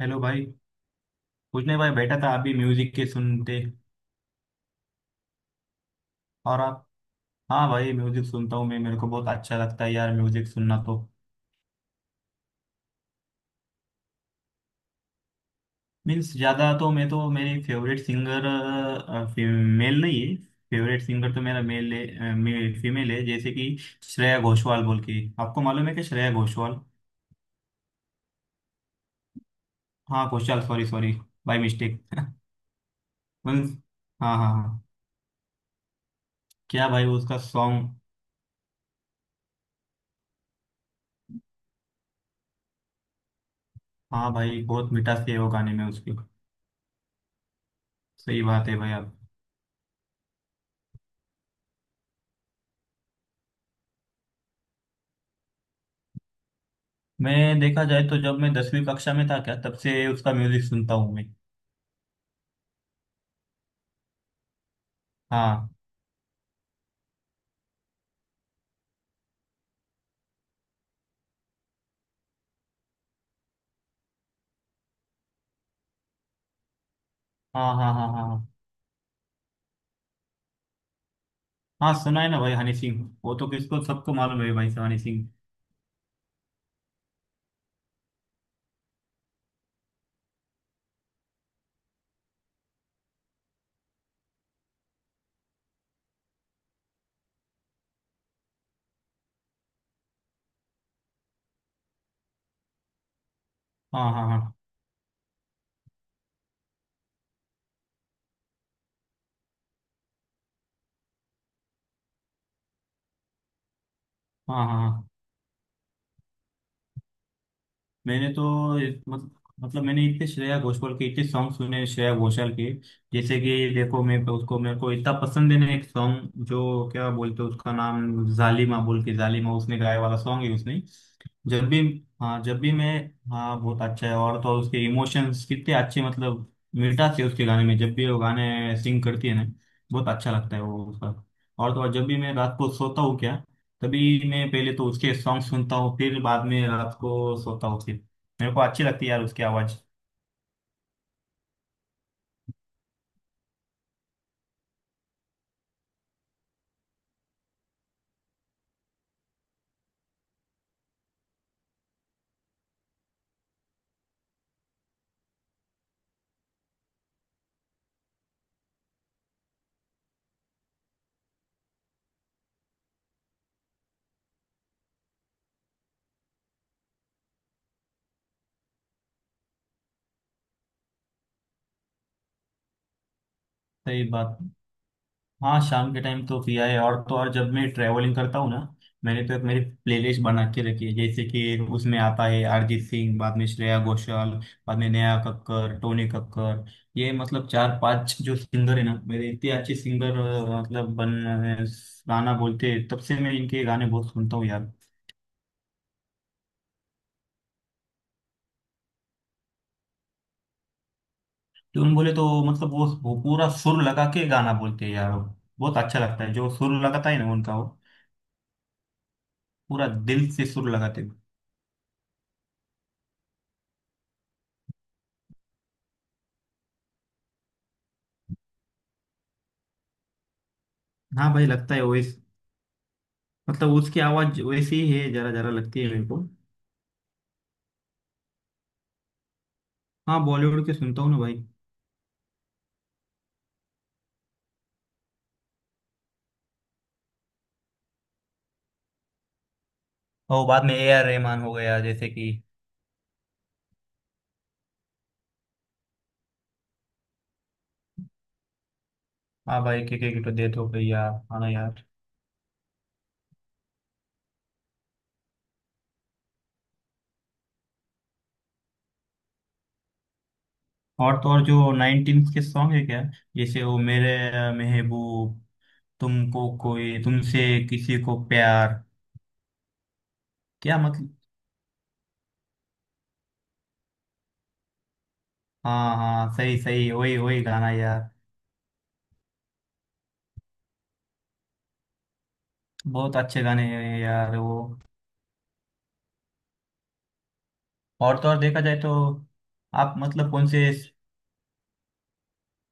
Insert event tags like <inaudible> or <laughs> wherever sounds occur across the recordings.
Hello भाई। कुछ नहीं भाई, बैठा था अभी म्यूजिक के सुनते। और आप? हाँ भाई, म्यूजिक सुनता हूँ मैं। मेरे को बहुत अच्छा लगता है यार म्यूजिक सुनना तो। मीन्स ज्यादा तो मैं तो मेरी फेवरेट सिंगर मेल नहीं है। फेवरेट सिंगर तो मेरा मेल है, फीमेल है, जैसे कि श्रेया घोषाल बोल के। आपको मालूम है कि श्रेया घोषाल? हाँ, Ghoshal. Sorry sorry, by mistake. <laughs> Means हाँ हाँ हाँ। क्या भाई उसका सॉन्ग। हाँ भाई, बहुत मिठास है वो गाने में उसकी। सही बात है भाई। आप? मैं देखा जाए तो जब मैं दसवीं कक्षा में था क्या, तब से उसका म्यूजिक सुनता हूँ मैं। हाँ हाँ हाँ हाँ हाँ। हाँ हाँ, सुना है ना भाई हनी सिंह। वो तो किसको सबको मालूम है भाई हनी सिंह। हाँ हाँ हाँ हाँ हाँ हाँ। मैंने तो इस- मत, मतलब मैंने इतने श्रेया घोषाल के इतने सॉन्ग सुने, श्रेया घोषाल के। जैसे कि देखो, मैं तो उसको, मेरे को इतना पसंद है ना एक सॉन्ग, जो क्या बोलते हैं उसका नाम, जालिमा बोल के, जालिमा उसने गाया वाला सॉन्ग है उसने। जब भी हाँ, जब भी मैं, हाँ बहुत अच्छा है। और तो और उसके इमोशंस कितने अच्छे, मतलब मिठास है उसके गाने में जब भी वो गाने सिंग करती है ना, बहुत अच्छा लगता है वो उसका। और तो और जब भी मैं रात को सोता हूँ क्या, तभी मैं पहले तो उसके सॉन्ग सुनता हूँ, फिर बाद में रात को सोता हूँ फिर। मेरे को अच्छी लगती है यार उसकी आवाज़। सही बात। हाँ शाम के टाइम तो पिया है। और तो और जब मैं ट्रैवलिंग करता हूँ ना, मैंने तो एक मेरी प्लेलिस्ट बना के रखी है, जैसे कि उसमें आता है अरिजीत सिंह, बाद में श्रेया घोषाल, बाद में नेहा कक्कर, टोनी कक्कर। ये मतलब चार पांच जो सिंगर है ना मेरे, इतने अच्छे सिंगर, मतलब बन गाना बोलते हैं, तब से मैं इनके गाने बहुत सुनता हूँ यार। ट्यून बोले तो मतलब वो पूरा सुर लगा के गाना बोलते हैं यार। बहुत अच्छा लगता है जो सुर लगाता है ना उनका वो। पूरा दिल से सुर लगाते हैं। हाँ भाई, लगता है वैस मतलब उसकी आवाज वैसी ही है, जरा जरा लगती है मेरे को। हाँ, बॉलीवुड के सुनता हूँ ना भाई। और बाद में ए आर रहमान हो गया जैसे कि। हाँ भाई, के की तो डेथ हो गई यार, हाँ ना यार। और तो और जो नाइनटीन के सॉन्ग है क्या, जैसे वो, मेरे महबूब, तुमको कोई, तुमसे किसी को प्यार। क्या मतलब? हाँ हाँ, सही सही, वही वही गाना यार। बहुत अच्छे गाने हैं यार वो। और तो और देखा जाए तो, आप मतलब कौन से,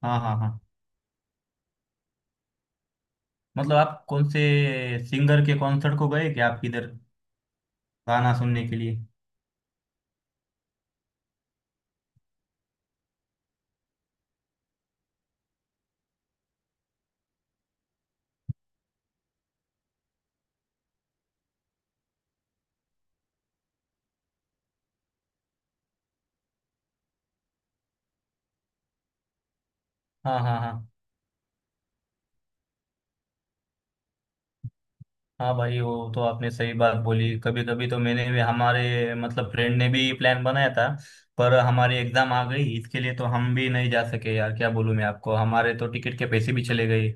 हाँ हाँ हाँ, मतलब आप कौन से सिंगर के कॉन्सर्ट को गए क्या आप, किधर गाना सुनने के लिए? हाँ हाँ हाँ। हाँ भाई, वो तो आपने सही बात बोली। कभी कभी तो मैंने भी, हमारे मतलब फ्रेंड ने भी प्लान बनाया था, पर हमारी एग्जाम आ गई इसके लिए, तो हम भी नहीं जा सके यार, क्या बोलूँ मैं आपको, हमारे तो टिकट के पैसे भी चले गए।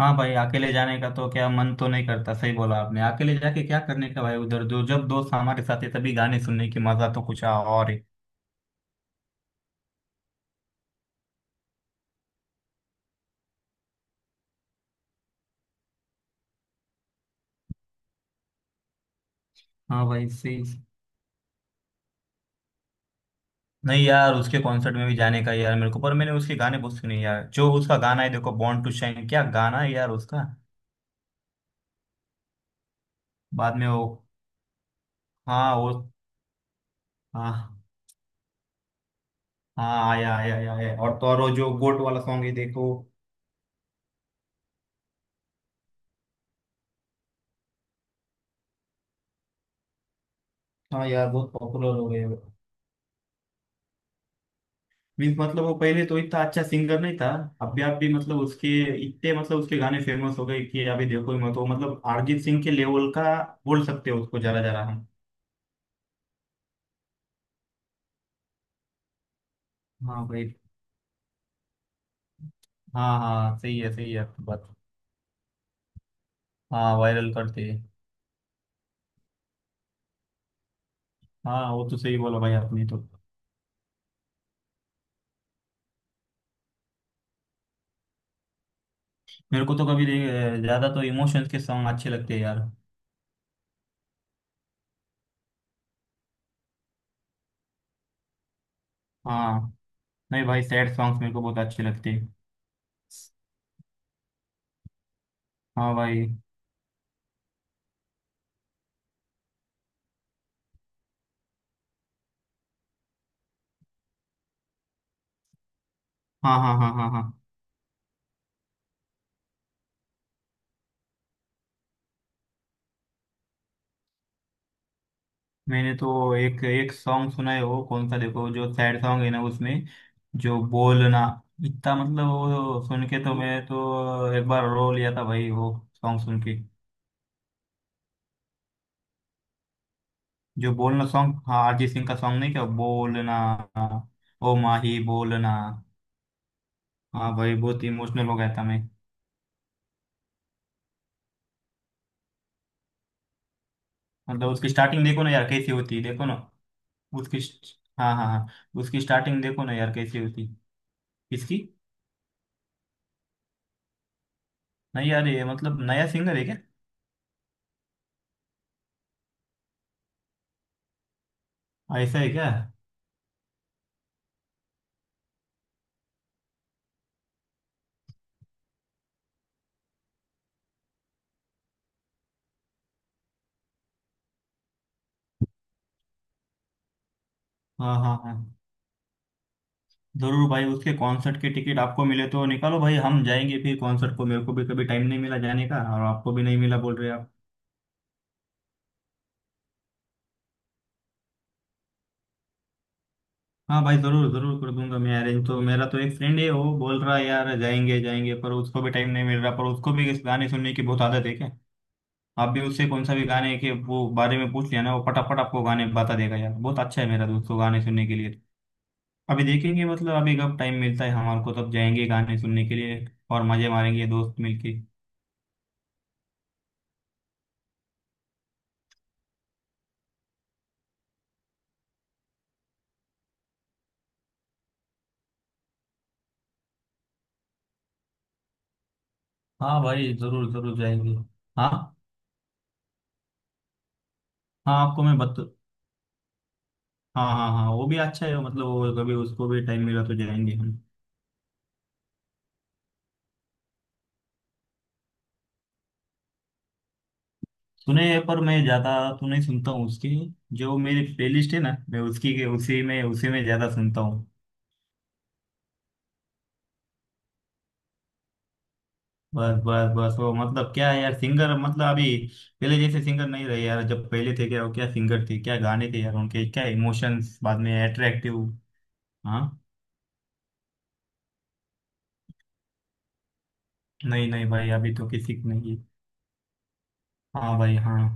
हाँ भाई, अकेले जाने का तो क्या मन तो नहीं करता, सही बोला आपने, अकेले जाके क्या करने का भाई उधर। जो जब दोस्त हमारे साथ है तभी गाने सुनने की मजा तो कुछ और है। हाँ भाई सही। नहीं यार, उसके कॉन्सर्ट में भी जाने का यार मेरे को, पर मैंने उसके गाने बहुत सुने यार। जो उसका गाना है देखो, बॉर्न टू शाइन, क्या गाना है यार उसका। बाद में वो, हाँ वो, हाँ। हाँ आया आया आया आया। और तो और वो जो गोट वाला सॉन्ग है देखो। हाँ यार बहुत पॉपुलर हो गए। मीन्स मतलब वो पहले तो इतना अच्छा सिंगर नहीं था। अभी आप भी मतलब उसके इतने, मतलब उसके गाने फेमस हो गए कि अभी देखो ही मत वो, मतलब अरिजीत सिंह के लेवल का बोल सकते हो उसको जरा जरा हम। हाँ भाई। हाँ हाँ, सही है आपकी बात। हाँ, वायरल करते हैं। हाँ, वो तो सही बोला भाई आपने तो। मेरे को तो कभी नहीं- ज्यादा तो इमोशंस के सॉन्ग अच्छे लगते हैं यार। हाँ, नहीं भाई, सैड सॉन्ग्स मेरे को बहुत अच्छे लगते हैं। हाँ भाई। हाँ हाँ हाँ हाँ हाँ। मैंने तो एक एक सॉन्ग सुना है वो कौन सा देखो, जो सैड सॉन्ग है ना उसमें, जो बोलना, इतना मतलब वो सुन के तो मैं तो एक बार रो लिया था भाई वो सॉन्ग सुन के। जो बोलना सॉन्ग, हाँ अरिजीत सिंह का सॉन्ग, नहीं क्या, बोलना, ओ माही बोलना। हाँ भाई बहुत इमोशनल हो गया था मैं। मतलब उसकी स्टार्टिंग देखो ना यार कैसी होती है, देखो ना उसकी। हाँ हाँ हाँ। उसकी स्टार्टिंग देखो ना यार कैसी होती इसकी। नहीं यार, ये मतलब नया सिंगर है क्या? ऐसा है क्या? हाँ हाँ हाँ। जरूर भाई, उसके कॉन्सर्ट के टिकट आपको मिले तो निकालो भाई, हम जाएंगे फिर कॉन्सर्ट को। मेरे को भी कभी टाइम नहीं मिला जाने का, और आपको भी नहीं मिला बोल रहे आप। हाँ भाई, जरूर जरूर कर दूंगा मैं अरेंज। तो मेरा तो एक फ्रेंड है, वो बोल रहा है यार जाएंगे जाएंगे, पर उसको भी टाइम नहीं मिल रहा। पर उसको भी इस गाने सुनने की बहुत आदत है क्या। आप भी उससे कौन सा भी गाने के वो बारे में पूछ लिया ना, वो फटाफट आपको गाने बता देगा यार। बहुत अच्छा है मेरा दोस्त को गाने सुनने के लिए। अभी देखेंगे मतलब अभी कब टाइम मिलता है हमारे को, तब जाएंगे गाने सुनने के लिए और मजे मारेंगे दोस्त मिलके। हाँ भाई जरूर जरूर जाएंगे। हाँ हाँ, आपको मैं बत हाँ हाँ हाँ, वो भी अच्छा है। मतलब वो, कभी उसको भी टाइम मिला तो जाएंगे हम। सुने हैं, पर मैं ज्यादा तो नहीं सुनता हूँ उसकी। जो मेरी प्लेलिस्ट है ना, मैं उसकी के उसी में ज्यादा सुनता हूँ। बस बस बस, वो मतलब क्या है यार, सिंगर मतलब अभी पहले जैसे सिंगर नहीं रहे यार। जब पहले थे क्या, वो क्या सिंगर थे, क्या गाने थे यार उनके, क्या इमोशंस, बाद में अट्रैक्टिव। हाँ। नहीं नहीं भाई, अभी तो किसी को नहीं। हाँ भाई हाँ।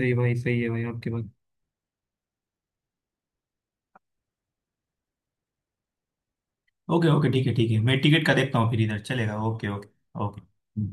सही भाई, सही है भाई आपके बात। ओके ओके, ठीक है ठीक है, मैं टिकट का देखता हूँ फिर इधर चलेगा। Okay okay okay.